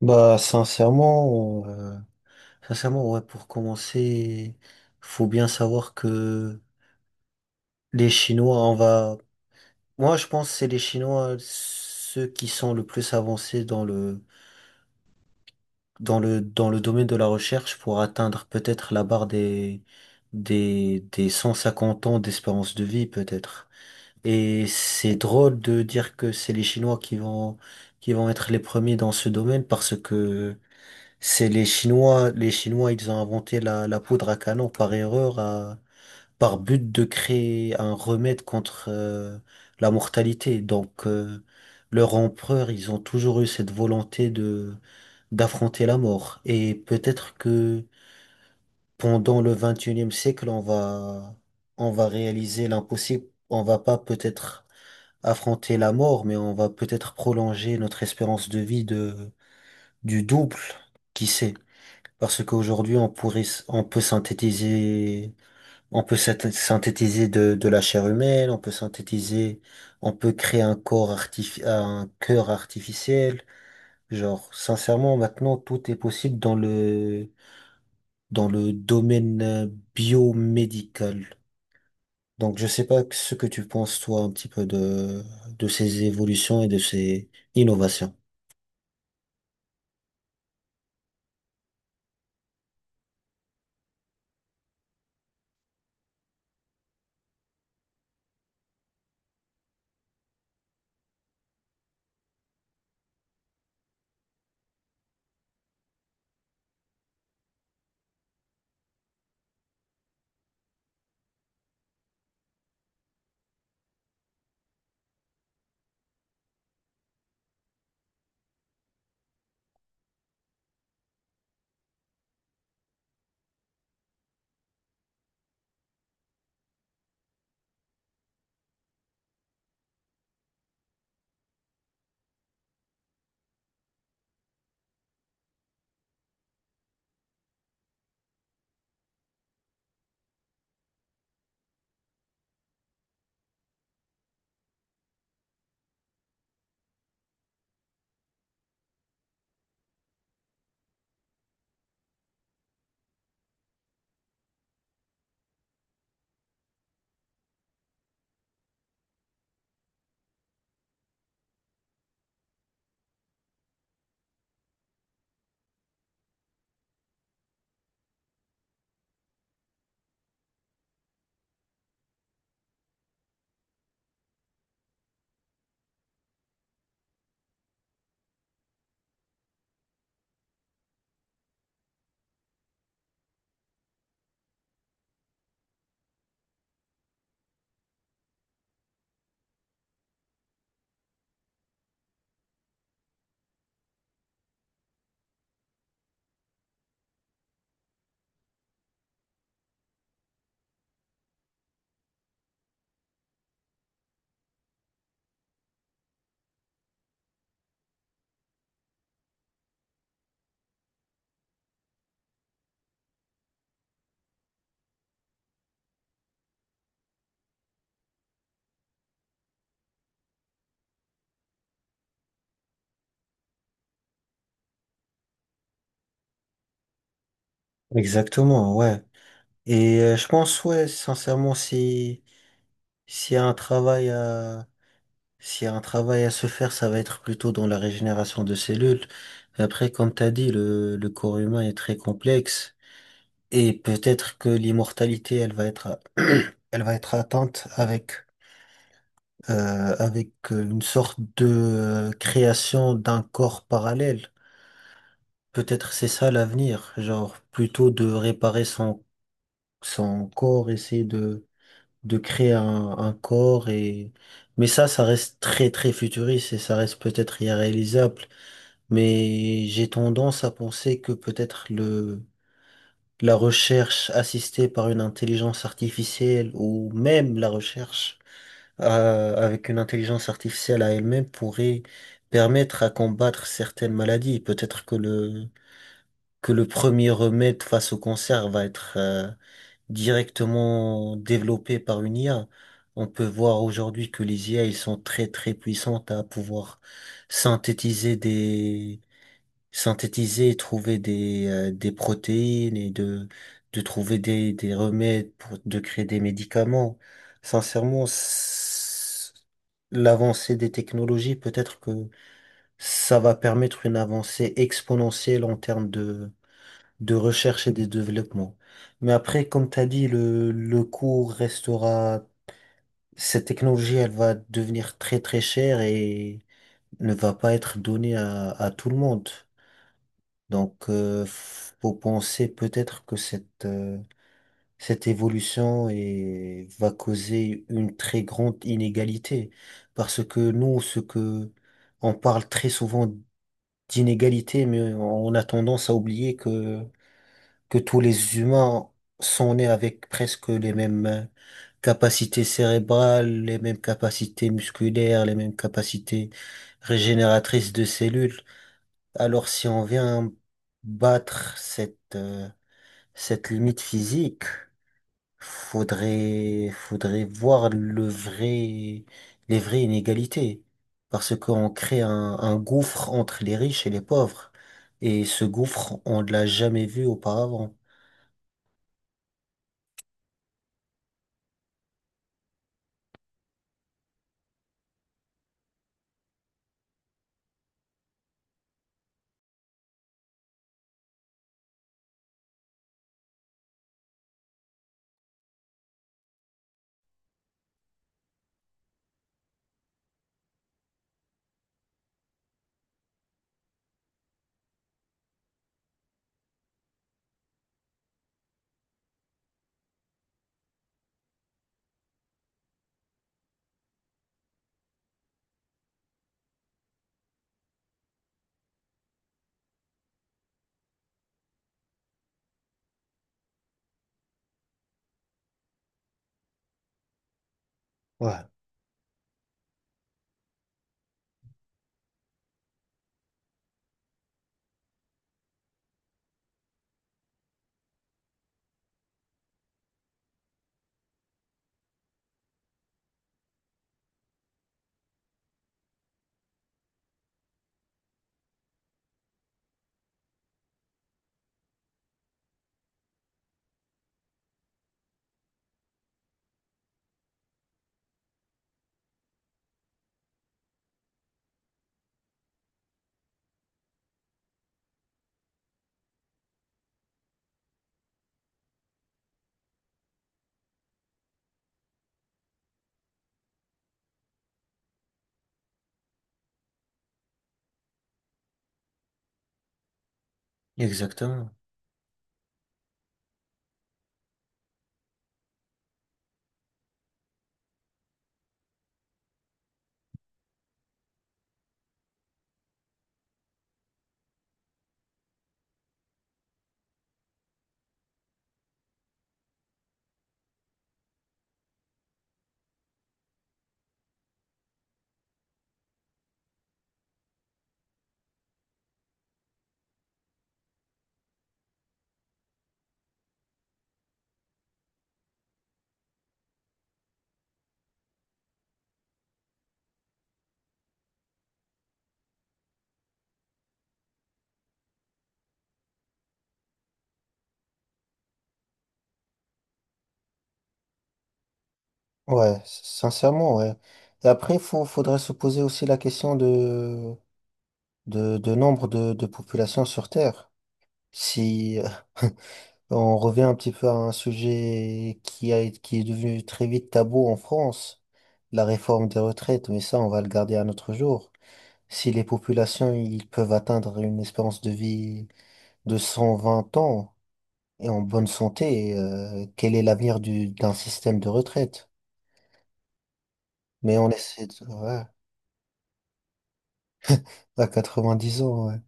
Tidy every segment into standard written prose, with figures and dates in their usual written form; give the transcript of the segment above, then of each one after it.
Bah, sincèrement, euh, ouais, pour commencer, faut bien savoir que les Chinois, on va, moi, je pense que c'est les Chinois, ceux qui sont le plus avancés dans le domaine de la recherche pour atteindre peut-être la barre des 150 ans d'espérance de vie, peut-être. Et c'est drôle de dire que c'est les Chinois qui vont être les premiers dans ce domaine parce que c'est les Chinois, ils ont inventé la poudre à canon par erreur, par but de créer un remède contre la mortalité. Leur empereur, ils ont toujours eu cette volonté de d'affronter la mort. Et peut-être que pendant le 21e siècle, on va réaliser l'impossible. On va pas peut-être affronter la mort, mais on va peut-être prolonger notre espérance de vie de du double. Qui sait? Parce qu'aujourd'hui, on peut synthétiser, on peut synthétiser de la chair humaine, on peut créer un un cœur artificiel. Genre, sincèrement, maintenant, tout est possible dans le domaine biomédical. Donc, je sais pas ce que tu penses, toi, un petit peu de ces évolutions et de ces innovations. Exactement, ouais. Et je pense, ouais, sincèrement, si, s'il y a un travail s'il y a un travail à se faire, ça va être plutôt dans la régénération de cellules. Après, comme t'as dit, le corps humain est très complexe et peut-être que l'immortalité, elle va être, elle va être atteinte avec une sorte de création d'un corps parallèle. Peut-être c'est ça l'avenir, genre plutôt de réparer son corps, essayer de créer un corps et, mais ça reste très très futuriste et ça reste peut-être irréalisable. Mais j'ai tendance à penser que peut-être la recherche assistée par une intelligence artificielle ou même la recherche avec une intelligence artificielle à elle-même pourrait permettre à combattre certaines maladies. Peut-être que le premier remède face au cancer va être directement développé par une IA. On peut voir aujourd'hui que les IA, ils sont très très puissantes à pouvoir synthétiser des synthétiser et trouver des protéines et de trouver des remèdes pour de créer des médicaments. Sincèrement, s- L'avancée des technologies, peut-être que ça va permettre une avancée exponentielle en termes de recherche et de développement. Mais après, comme tu as dit, le coût restera, cette technologie, elle va devenir très très chère et ne va pas être donnée à tout le monde. Donc, faut penser peut-être que cette va causer une très grande inégalité. Parce que nous, on parle très souvent d'inégalité, mais on a tendance à oublier que tous les humains sont nés avec presque les mêmes capacités cérébrales, les mêmes capacités musculaires, les mêmes capacités régénératrices de cellules. Alors, si on vient battre cette limite physique, faudrait voir les vraies inégalités. Parce qu'on crée un gouffre entre les riches et les pauvres. Et ce gouffre, on ne l'a jamais vu auparavant. Ouais. Exactement. Ouais, sincèrement, ouais. Et après, faudrait se poser aussi la question de nombre de populations sur Terre. Si, on revient un petit peu à un sujet qui est devenu très vite tabou en France, la réforme des retraites, mais ça, on va le garder à notre jour. Si les populations, ils peuvent atteindre une espérance de vie de 120 ans et en bonne santé, quel est l'avenir d'un système de retraite? Mais on essaie de, ouais, à 10 ans, ouais.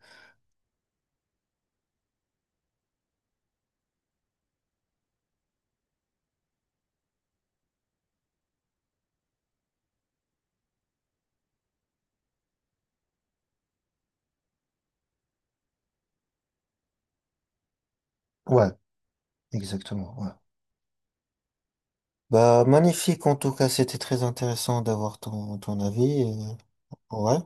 Ouais, exactement, ouais. Bah, magnifique, en tout cas, c'était très intéressant d'avoir ton avis, ouais,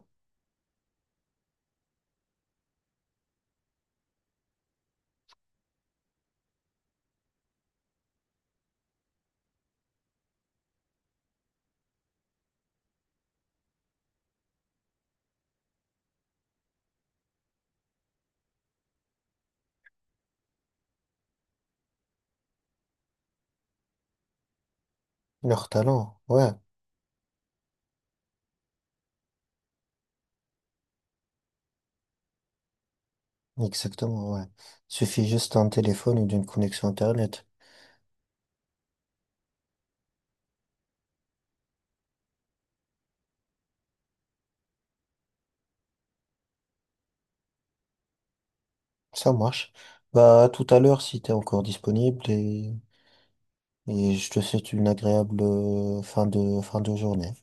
leur talent, ouais. Exactement, ouais. Suffit juste d'un téléphone ou d'une connexion Internet. Ça marche. Bah, à tout à l'heure si t'es encore disponible et je te souhaite une agréable fin de journée.